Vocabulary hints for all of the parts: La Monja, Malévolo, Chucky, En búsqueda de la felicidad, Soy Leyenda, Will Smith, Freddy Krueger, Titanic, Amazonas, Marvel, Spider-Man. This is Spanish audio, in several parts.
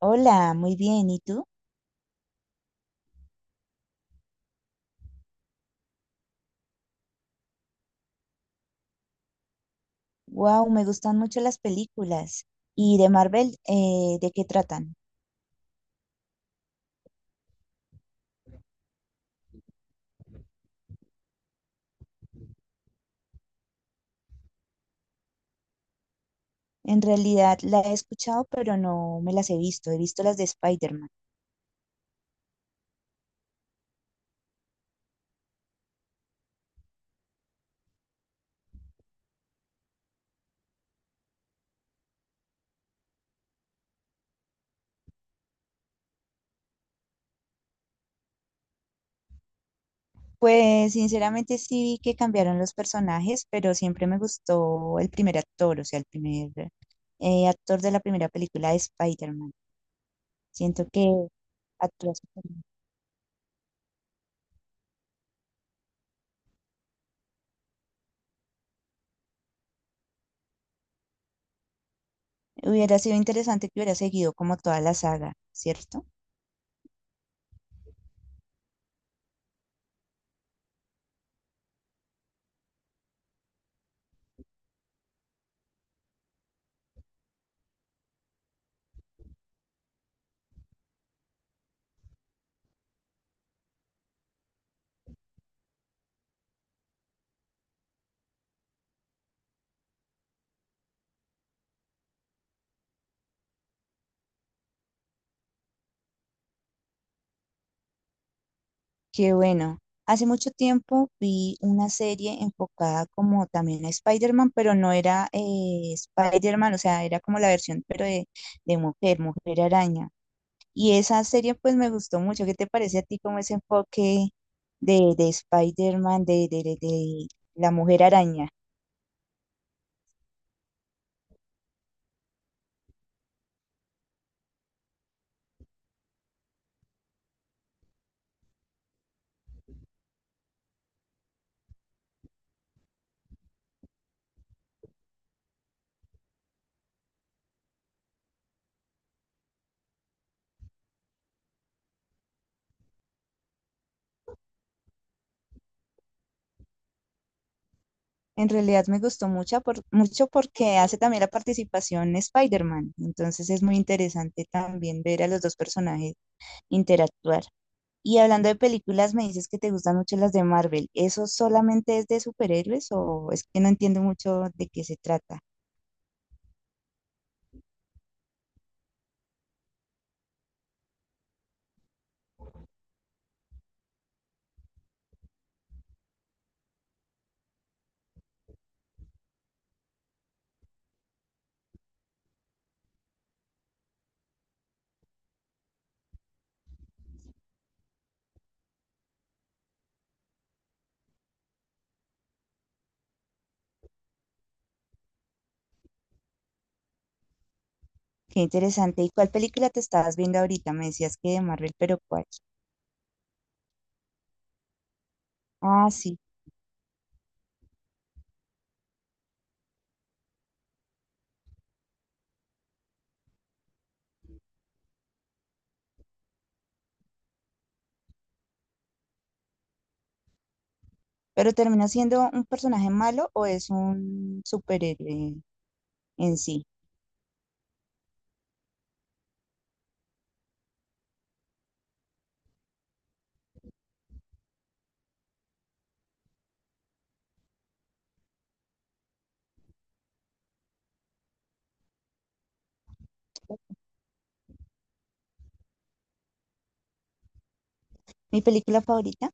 Hola, muy bien. ¿Y tú? Wow, me gustan mucho las películas. ¿Y de Marvel, de qué tratan? En realidad la he escuchado, pero no me las he visto. He visto las de Spider-Man. Pues sinceramente sí vi que cambiaron los personajes, pero siempre me gustó el primer actor, o sea, el primer actor de la primera película de Spider-Man. Siento que actuó súper bien. Hubiera sido interesante que hubiera seguido como toda la saga, ¿cierto? Qué bueno. Hace mucho tiempo vi una serie enfocada como también a Spider-Man, pero no era Spider-Man, o sea, era como la versión, pero de mujer, mujer araña. Y esa serie pues me gustó mucho. ¿Qué te parece a ti como ese enfoque de Spider-Man, de la mujer araña? En realidad me gustó mucho, mucho porque hace también la participación Spider-Man. Entonces es muy interesante también ver a los dos personajes interactuar. Y hablando de películas, me dices que te gustan mucho las de Marvel. ¿Eso solamente es de superhéroes o es que no entiendo mucho de qué se trata? Qué interesante. ¿Y cuál película te estabas viendo ahorita? Me decías que de Marvel, pero ¿cuál? Ah, sí. ¿Pero termina siendo un personaje malo o es un superhéroe en sí? Mi película favorita,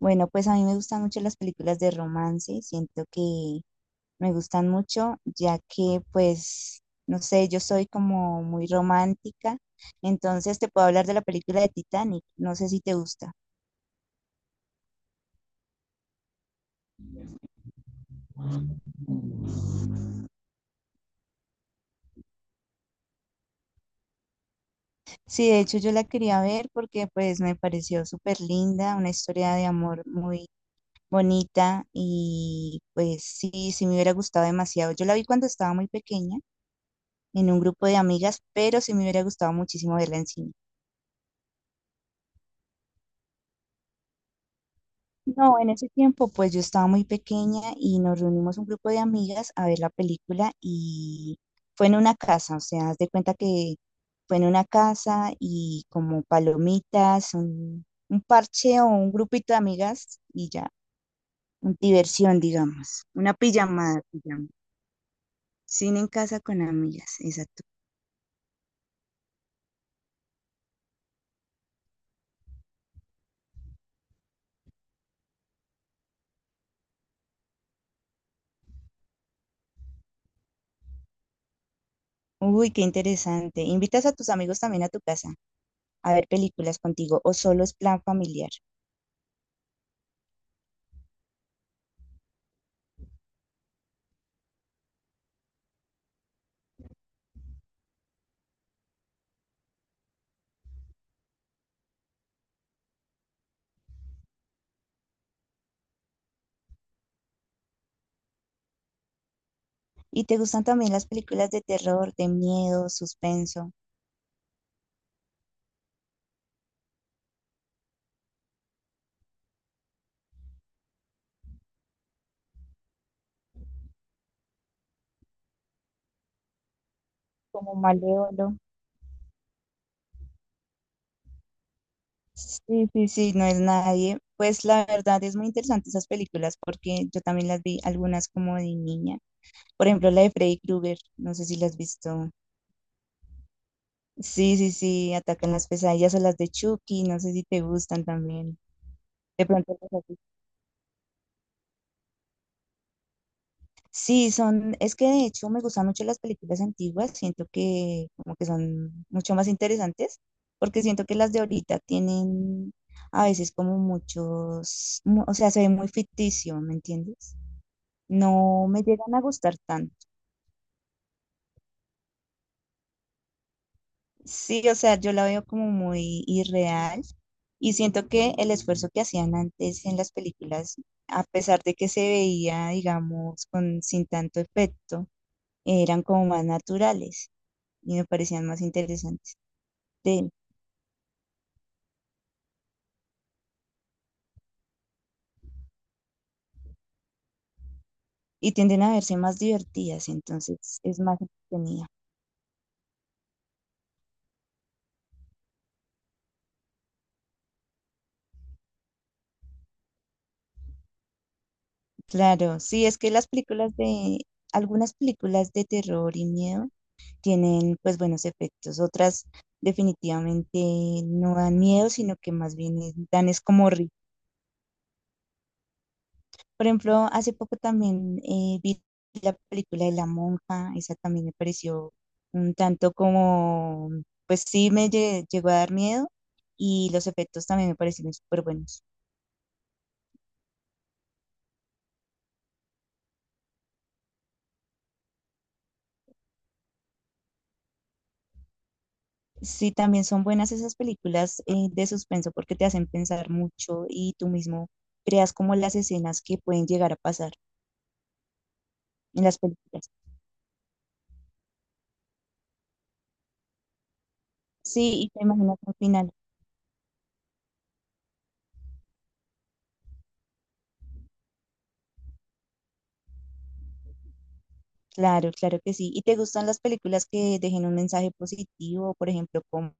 bueno, pues a mí me gustan mucho las películas de romance, siento que me gustan mucho, ya que pues, no sé, yo soy como muy romántica, entonces te puedo hablar de la película de Titanic, no sé si te gusta. Sí, de hecho yo la quería ver porque pues me pareció súper linda, una historia de amor muy bonita y pues sí, sí me hubiera gustado demasiado. Yo la vi cuando estaba muy pequeña en un grupo de amigas, pero sí me hubiera gustado muchísimo verla en cine. No, en ese tiempo pues yo estaba muy pequeña y nos reunimos un grupo de amigas a ver la película y fue en una casa, o sea, haz de cuenta que fue en una casa y como palomitas, un parche o un grupito de amigas y ya, un diversión, digamos, una pijamada, pijama. Cine en casa con amigas, exacto. Uy, qué interesante. ¿Invitas a tus amigos también a tu casa a ver películas contigo o solo es plan familiar? ¿Y te gustan también las películas de terror, de miedo, suspenso? Como Malévolo. Sí, sí, sí, no es nadie. Pues la verdad es muy interesante esas películas porque yo también las vi algunas como de niña. Por ejemplo, la de Freddy Krueger, no sé si las has visto. Sí, sí, sí, atacan las pesadillas o las de Chucky, no sé si te gustan también. De pronto sí, son, es que de hecho me gustan mucho las películas antiguas, siento que como que son mucho más interesantes, porque siento que las de ahorita tienen a veces como o sea, se ve muy ficticio, ¿me entiendes? No me llegan a gustar tanto. Sí, o sea, yo la veo como muy irreal y siento que el esfuerzo que hacían antes en las películas, a pesar de que se veía, digamos, con, sin tanto efecto, eran como más naturales. Y me parecían más interesantes de. Y tienden a verse más divertidas, entonces es más entretenida. Claro, sí, es que las películas algunas películas de terror y miedo tienen pues buenos efectos, otras definitivamente no dan miedo, sino que más bien dan es como risa. Por ejemplo, hace poco también vi la película de La Monja, esa también me pareció un tanto como, pues sí me llegó a dar miedo y los efectos también me parecieron súper buenos. Sí, también son buenas esas películas de suspenso porque te hacen pensar mucho y tú mismo creas como las escenas que pueden llegar a pasar en las películas. Sí, y te imaginas al final. Claro, claro que sí. ¿Y te gustan las películas que dejen un mensaje positivo, por ejemplo, como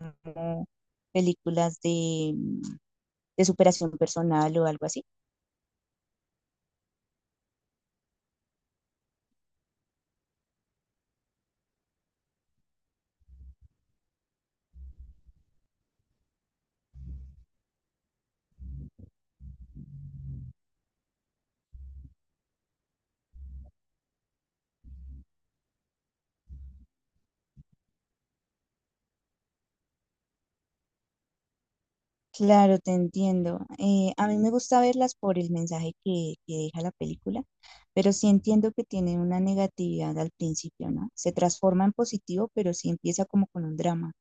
películas de superación personal o algo así? Claro, te entiendo. A mí me gusta verlas por el mensaje que deja la película, pero sí entiendo que tiene una negatividad al principio, ¿no? Se transforma en positivo, pero sí empieza como con un drama,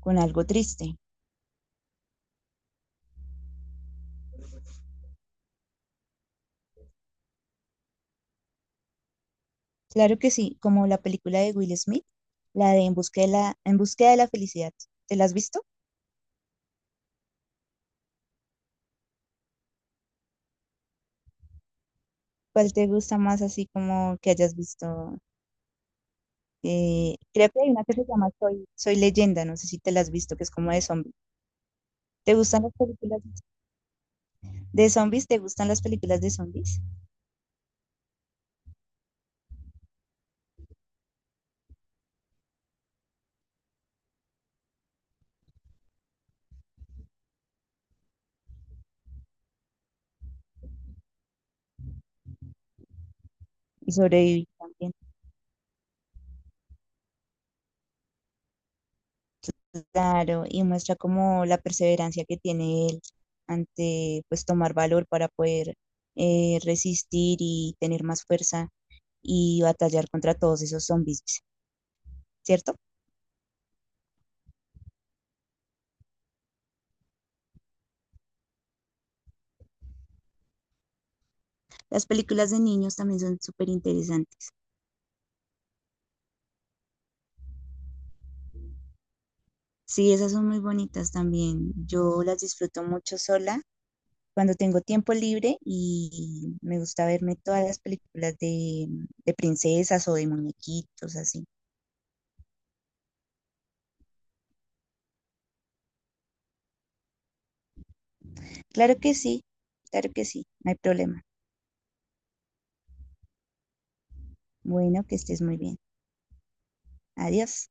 con algo triste. Claro que sí, como la película de Will Smith, la de En búsqueda de la felicidad. ¿Te la has visto? ¿Cuál te gusta más así como que hayas visto? Creo que hay una que se llama Soy Leyenda, no sé si te la has visto, que es como de zombies. ¿Te gustan las películas de zombies? ¿Te gustan las películas de zombies? Y sobrevivir también, claro, y muestra como la perseverancia que tiene él ante pues tomar valor para poder resistir y tener más fuerza y batallar contra todos esos zombies, ¿cierto? Las películas de niños también son súper interesantes. Sí, esas son muy bonitas también. Yo las disfruto mucho sola cuando tengo tiempo libre y me gusta verme todas las películas de princesas o de muñequitos, así. Claro que sí, claro que sí, no hay problema. Bueno, que estés muy bien. Adiós.